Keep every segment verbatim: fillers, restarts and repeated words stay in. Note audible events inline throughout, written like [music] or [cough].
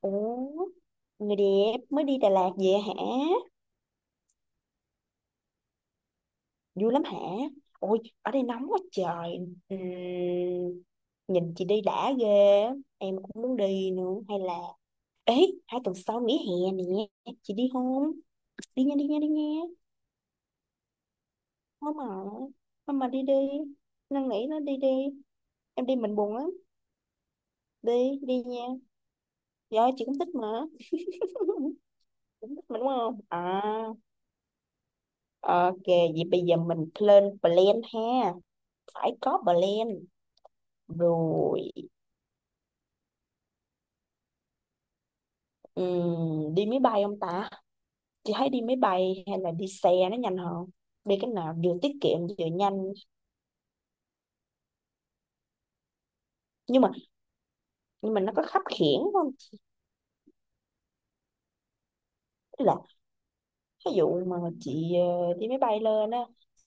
Ủa, người đẹp mới đi Đà Lạt về hả? Vui lắm hả? Ôi, ở đây nóng quá trời. Ừm, nhìn chị đi đã ghê. á. Em cũng muốn đi nữa. Hay là... Ê, hai tuần sau nghỉ hè nè. Chị đi không? Đi nha, đi nha, đi nha. Không mà. Không mà đi đi. Năn nỉ nó đi đi. Em đi mình buồn lắm. Đi, đi nha. Rồi, chị cũng thích mà. [laughs] Cũng thích mà đúng không? À, ok. Vậy bây giờ mình lên plan ha. Phải có plan rồi. Ừm, đi máy bay không ta? Chị thấy đi máy bay hay là đi xe nó nhanh hơn. Đi cái nào vừa tiết kiệm vừa nhanh. Nhưng mà nhưng mà nó có khắt khuỷu không? Tức là ví dụ mà chị ờ, đi máy bay lên á,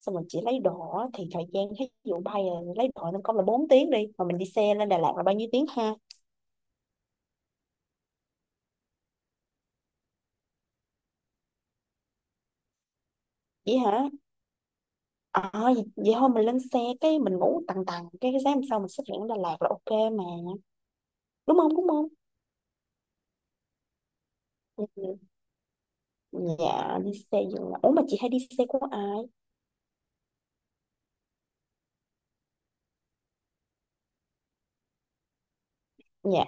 xong rồi chị lấy đồ á, thì thời gian ví dụ bay là lấy đồ nó có là bốn tiếng, đi mà mình đi xe lên Đà Lạt là bao nhiêu tiếng ha? Vậy hả? Ờ. vậy, vậy thôi mình lên xe cái mình ngủ tầng tầng cái, cái sáng hôm sau mình xuất hiện ở Đà Lạt là ok mà. Đúng không đúng không? Ừ. Ừ. Dạ đi xe dừng nằm. Ủa mà chị hay đi xe của ai? Dạ.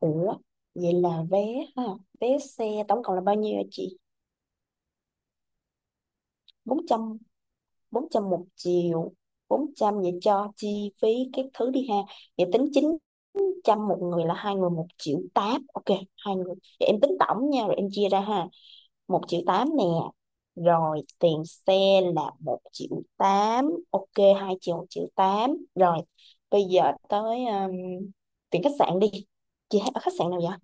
Ủa. Vậy là vé ha. Vé xe tổng cộng là bao nhiêu hả chị? Bốn trăm. Bốn trăm một chiều. Bốn trăm vậy cho chi phí các thứ đi ha. Vậy tính chín trăm một người là hai người một triệu tám. Ok, hai người. Vậy em tính tổng nha. Rồi em chia ra ha. Một triệu tám nè, rồi tiền xe là một triệu tám, ok. Hai triệu một triệu tám rồi. Bây giờ tới um, tiền khách sạn đi. Chị thấy ở khách sạn nào vậy?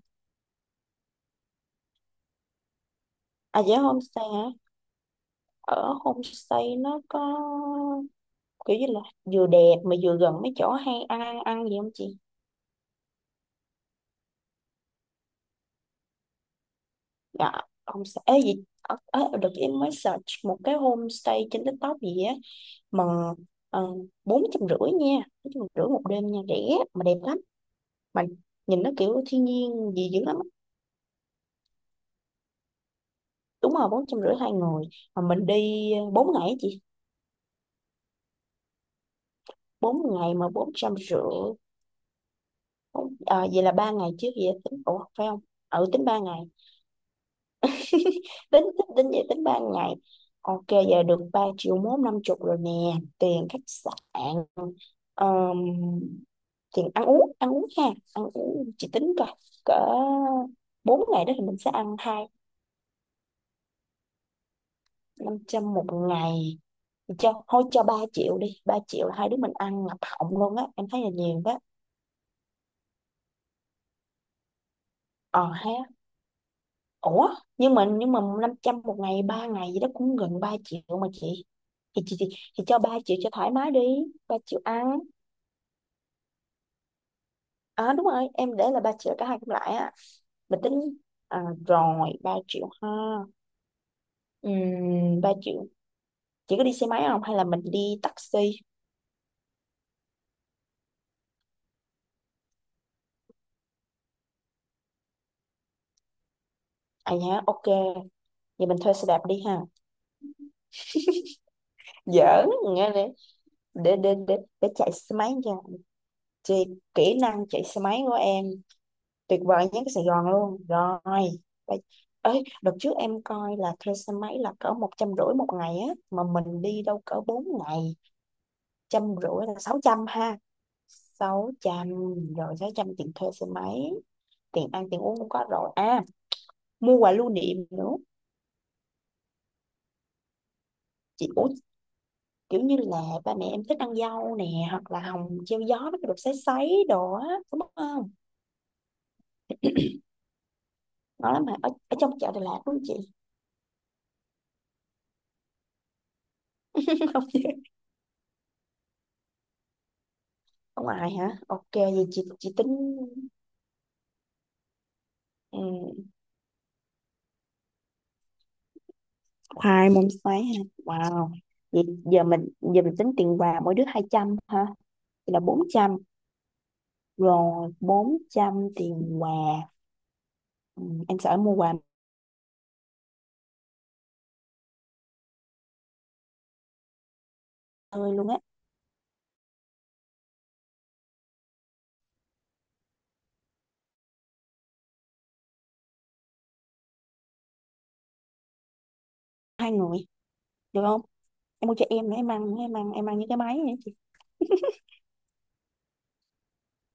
À dạ homestay hả? Ở homestay nó có kiểu như là vừa đẹp mà vừa gần mấy chỗ hay ăn ăn ăn gì không chị? Dạ homestay ấy gì ở, ở, được em mới search một cái homestay trên TikTok gì á mà ờ, bốn trăm rưỡi nha. Bốn trăm rưỡi một đêm nha, rẻ mà đẹp lắm mà nhìn nó kiểu thiên nhiên gì dữ lắm á. Đúng rồi, bốn trăm rưỡi hai người. Mà mình đi ờ, bốn ngày á chị. Bốn ngày mà bốn trăm rưỡi. Bốn- à, vậy là ba ngày trước vậy tính ủa phải không? Ừ tính ba ngày. [laughs] tính tính tính vậy tính ba ngày. Ok, giờ được ba triệu mốt năm chục rồi nè, tiền khách sạn. ờm, Tiền ăn uống ăn uống ha. Ăn uống chị tính coi cỡ bốn ngày đó thì mình sẽ ăn hai. Năm trăm một ngày, cho thôi cho ba triệu đi. Ba triệu là hai đứa mình ăn ngập họng luôn á, em thấy là nhiều đó. Ờ ha. Ủa nhưng mà nhưng mà năm trăm một ngày ba ngày gì đó cũng gần ba triệu mà chị. thì chị thì, thì cho ba triệu cho thoải mái đi. Ba triệu ăn. À đúng rồi, em để là ba triệu cả hai cũng lại á. Mình tính à, rồi ba triệu ha. Ừm, ba triệu. Chị có đi xe máy không hay là mình đi taxi? À nhá ok. Vậy mình thuê xe đạp đi ha. Giỡn. Nghe để, để để để, để chạy xe máy nha. Thì kỹ năng chạy xe máy của em tuyệt vời nhất Sài Gòn luôn rồi. Bây- Ấy đợt trước em coi là thuê xe máy là cỡ một trăm rưỡi một ngày á mà mình đi đâu cỡ bốn ngày. Trăm rưỡi là sáu trăm ha. Sáu trăm, rồi sáu trăm tiền thuê xe máy. Tiền ăn tiền uống cũng có rồi. À mua quà lưu niệm nữa. Chị út kiểu như là ba mẹ em thích ăn dâu nè, hoặc là hồng treo gió nó được sấy sấy đồ á đúng không? Ngon lắm mà ở, ở trong chợ Đà Lạt đúng không chị? [laughs] Ở ngoài hả, ok vậy chị chị tính. Ừ, khoai môn xoáy ha, wow. Vậy giờ mình giờ mình tính tiền quà mỗi đứa hai trăm ha, thì là bốn trăm. Rồi bốn trăm tiền quà. Ừ, em sợ em mua quà hơi luôn á. Hai người được không, em mua cho em nữa, em ăn em ăn em ăn những cái máy nữa chị.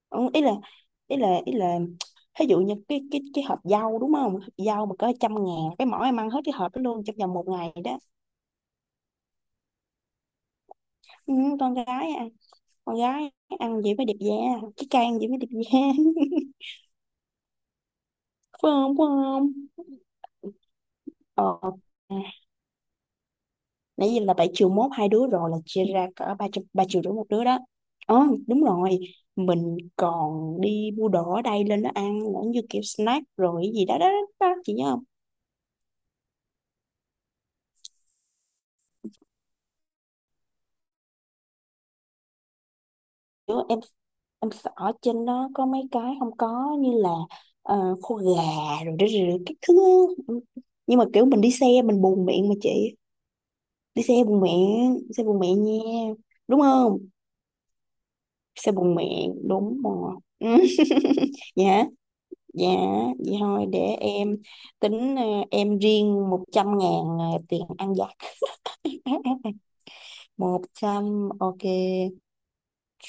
Ừ, ý là ý là ý là ví dụ như cái cái cái hộp dâu đúng không, hộp dâu mà có trăm ngàn cái mỏ em ăn hết cái hộp đó luôn trong vòng một ngày đó. Ừ, con gái con gái ăn gì mới đẹp da, cái cây ăn gì mới đẹp da. [laughs] Phải không phải không? Ờ à, nãy giờ là bảy triệu mốt hai đứa rồi, là chia ra cỡ ba trăm ba triệu rưỡi một đứa đó. Ờ đúng rồi. Mình còn đi mua đồ ở đây lên đó ăn nữa như kiểu snack rồi cái gì đó đó, đó, đó. Chị nhớ không? Kiểu em em sợ trên đó có mấy cái không có như là ờ, khô gà rồi, rồi, rồi, rồi các thứ. Nhưng mà kiểu mình đi xe mình buồn miệng mà chị. Đi xe bùng mẹ, xe bùng mẹ nha, đúng không? Xe bùng mẹ đúng rồi. Ừ. [laughs] Dạ. Dạ vậy thôi để em tính ờ, em riêng một trăm ngàn ờ, tiền ăn vặt. [laughs] Một trăm, ok.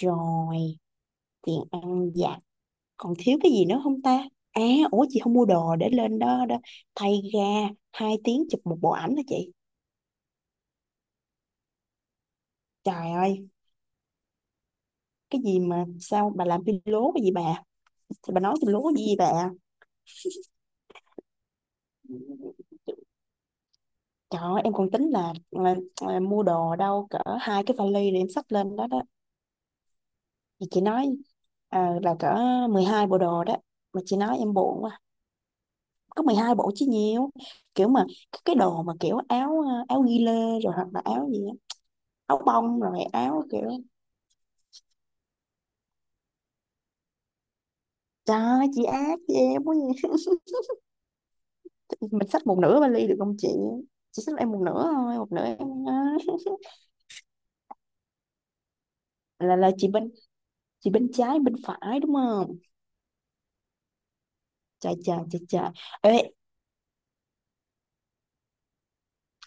Rồi tiền ăn vặt, còn thiếu cái gì nữa không ta? À. Ủa chị không mua đồ để lên đó đó, thay ga hai tiếng chụp một bộ ảnh hả chị? Trời ơi, cái gì mà sao bà làm phi lố cái gì bà, thì bà nói phi lố gì bà. Trời ơi, em còn tính là, là, là mua đồ đâu cỡ hai cái vali để em xách lên đó đó. Thì chị nói à, là cỡ mười hai bộ đồ đó. Mà chị nói em buồn quá. Có mười hai bộ chứ nhiều. Kiểu mà cái cái đồ mà kiểu áo ờ, áo ghi lê rồi hoặc là áo gì á, áo bông rồi áo kiểu. Trời ơi, chị ác chị em quá vậy. [laughs] Mình xách một nửa vali được không chị? Chị xách em một nửa thôi, một nửa em á. [laughs] là là chị bên chị bên trái bên phải đúng không? Trời trời trời trời. Ê,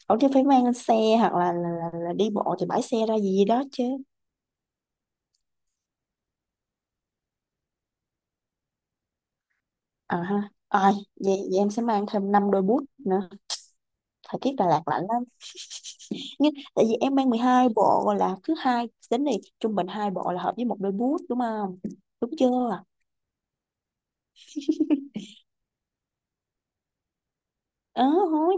ở chứ phải mang xe hoặc là, là, là, là đi bộ thì bãi xe ra gì đó chứ. À ha à, vậy, vậy em sẽ mang thêm năm đôi boot nữa. Thời tiết Đà Lạt lạnh lắm, nhưng tại vì em mang mười hai bộ là cứ hai đến đi. Trung bình hai bộ là hợp với một đôi boot đúng không? Đúng chưa? Ờ thôi.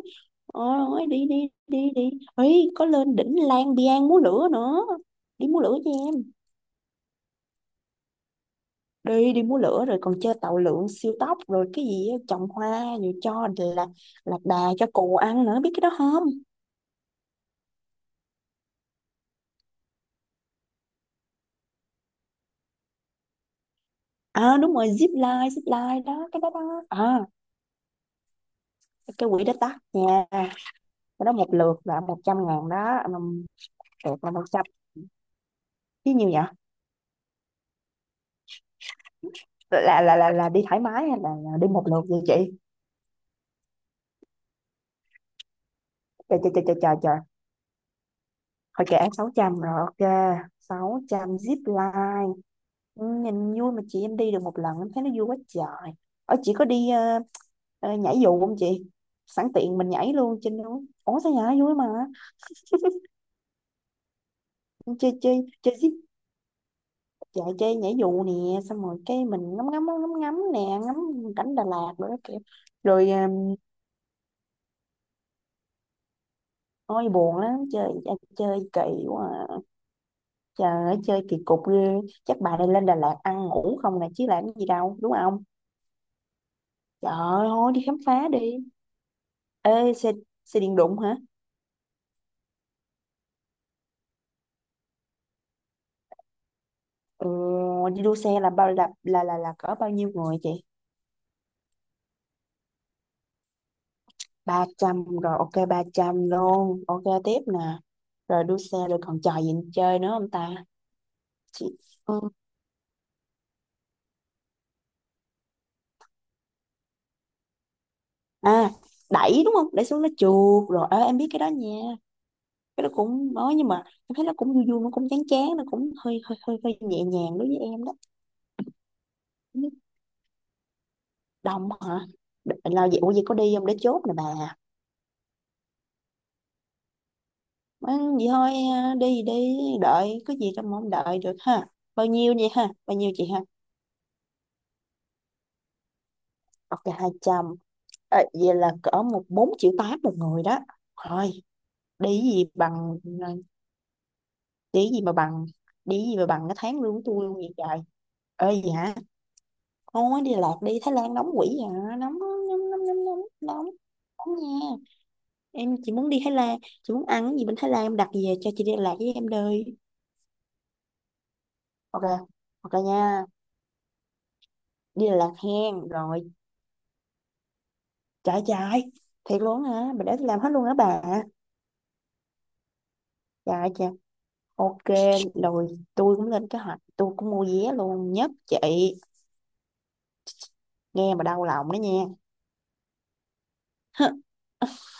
Ờ thôi đi đi đi đi. Ấy có lên đỉnh Lang Biang múa lửa nữa, đi múa lửa với em đi. Đi múa lửa rồi còn chơi tàu lượn siêu tốc rồi cái gì á, trồng hoa rồi cho là lạc đà cho cù ăn nữa, biết cái đó không? À đúng rồi, zip line. Zip line đó, cái đó đó à. Cái quỹ đó tắt nha, cái đó một lượt là một trăm ngàn đó. Um, lượt là một trăm. Chứ nhiều nhở, là là là là đi thoải mái hay là, là đi một lượt vậy chị? Trời trời trời trời trời trời. Thôi kệ em sáu trăm rồi, ok. Sáu trăm zip line. Ừ, nhìn vui mà chị, em đi được một lần em thấy nó vui quá trời. Ở chị có đi ờ, ờ, nhảy dù không chị? Sẵn tiện mình nhảy luôn trên núi, ủa sao nhảy vui mà. Chơi chơi chơi zip. Dạ chơi nhảy dù nè, xong rồi cái mình ngắm ngắm ngắm ngắm nè, ngắm cảnh Đà Lạt rồi đó kiểu. Rồi à, ôi buồn lắm, chơi à, chơi kỳ quá à. Trời ơi, chơi kỳ cục ghê. Chắc bà này lên Đà Lạt ăn ngủ không nè chứ làm gì đâu đúng không? Trời ơi thôi đi khám phá đi. Ê xe. Xe điện đụng hả? Ừ, đi đua xe là bao là là là, là cỡ bao nhiêu người chị? Ba trăm rồi, ok ba trăm luôn, ok tiếp nè. Rồi đua xe rồi còn trò gì chơi nữa không ta? Chị. Ừ, à, đẩy đúng không, đẩy xuống nó trượt rồi. Ờ, em biết cái đó nha. Cái đó cũng nói nhưng mà em thấy nó cũng vui vui, nó cũng chán chán, nó cũng hơi hơi hơi hơi nhẹ nhàng đối với em đó. Không biết. Đồng hả? Đ- là vậy ủa vậy có đi không để chốt nè bà. Má, vậy thôi à, đi đi đợi có gì đâu mà không đợi được ha. Bao nhiêu vậy ha, bao nhiêu chị ha? Ok hai trăm. Ờ, vậy là cỡ một bốn triệu tám một người đó. Thôi. Đi gì bằng à, đi gì mà bằng, đi gì mà bằng cái tháng lương của tôi luôn vậy trời. Ơi gì hả? Thôi đi lạc đi Thái Lan nóng quỷ vậy hả? Nóng nóng nóng nóng nóng nóng nóng. nha. Em chỉ muốn đi Thái Lan. Chị muốn ăn cái gì bên Thái Lan, em đặt về cho chị, đi Đà Lạt với em đi. Ok. Ok nha. Đi Đà Lạt hen. Rồi chạy chạy. Thiệt luôn hả, bà để tôi làm hết luôn hả bà? Trời trời. Ok. Rồi tôi cũng lên kế hoạch, tôi cũng mua vé luôn. Nhất chị. Nghe mà đau lòng đó nha. [laughs]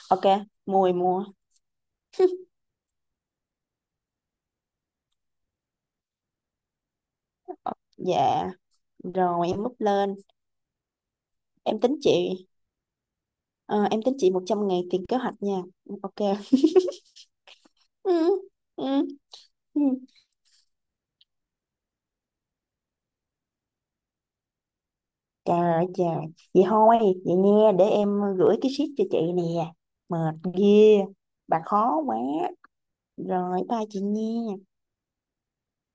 Ok mua thì mua. Dạ. Rồi em bút lên. Em tính chị ờ, em tính chị một trăm ngày tiền kế hoạch nha. Ừ, ok. ừ, ừ, ừ. Trời ơi trời. Vậy thôi. Vậy nha, để em gửi cái sheet cho chị nè. Mệt ghê, bà khó quá. Rồi bye chị nha.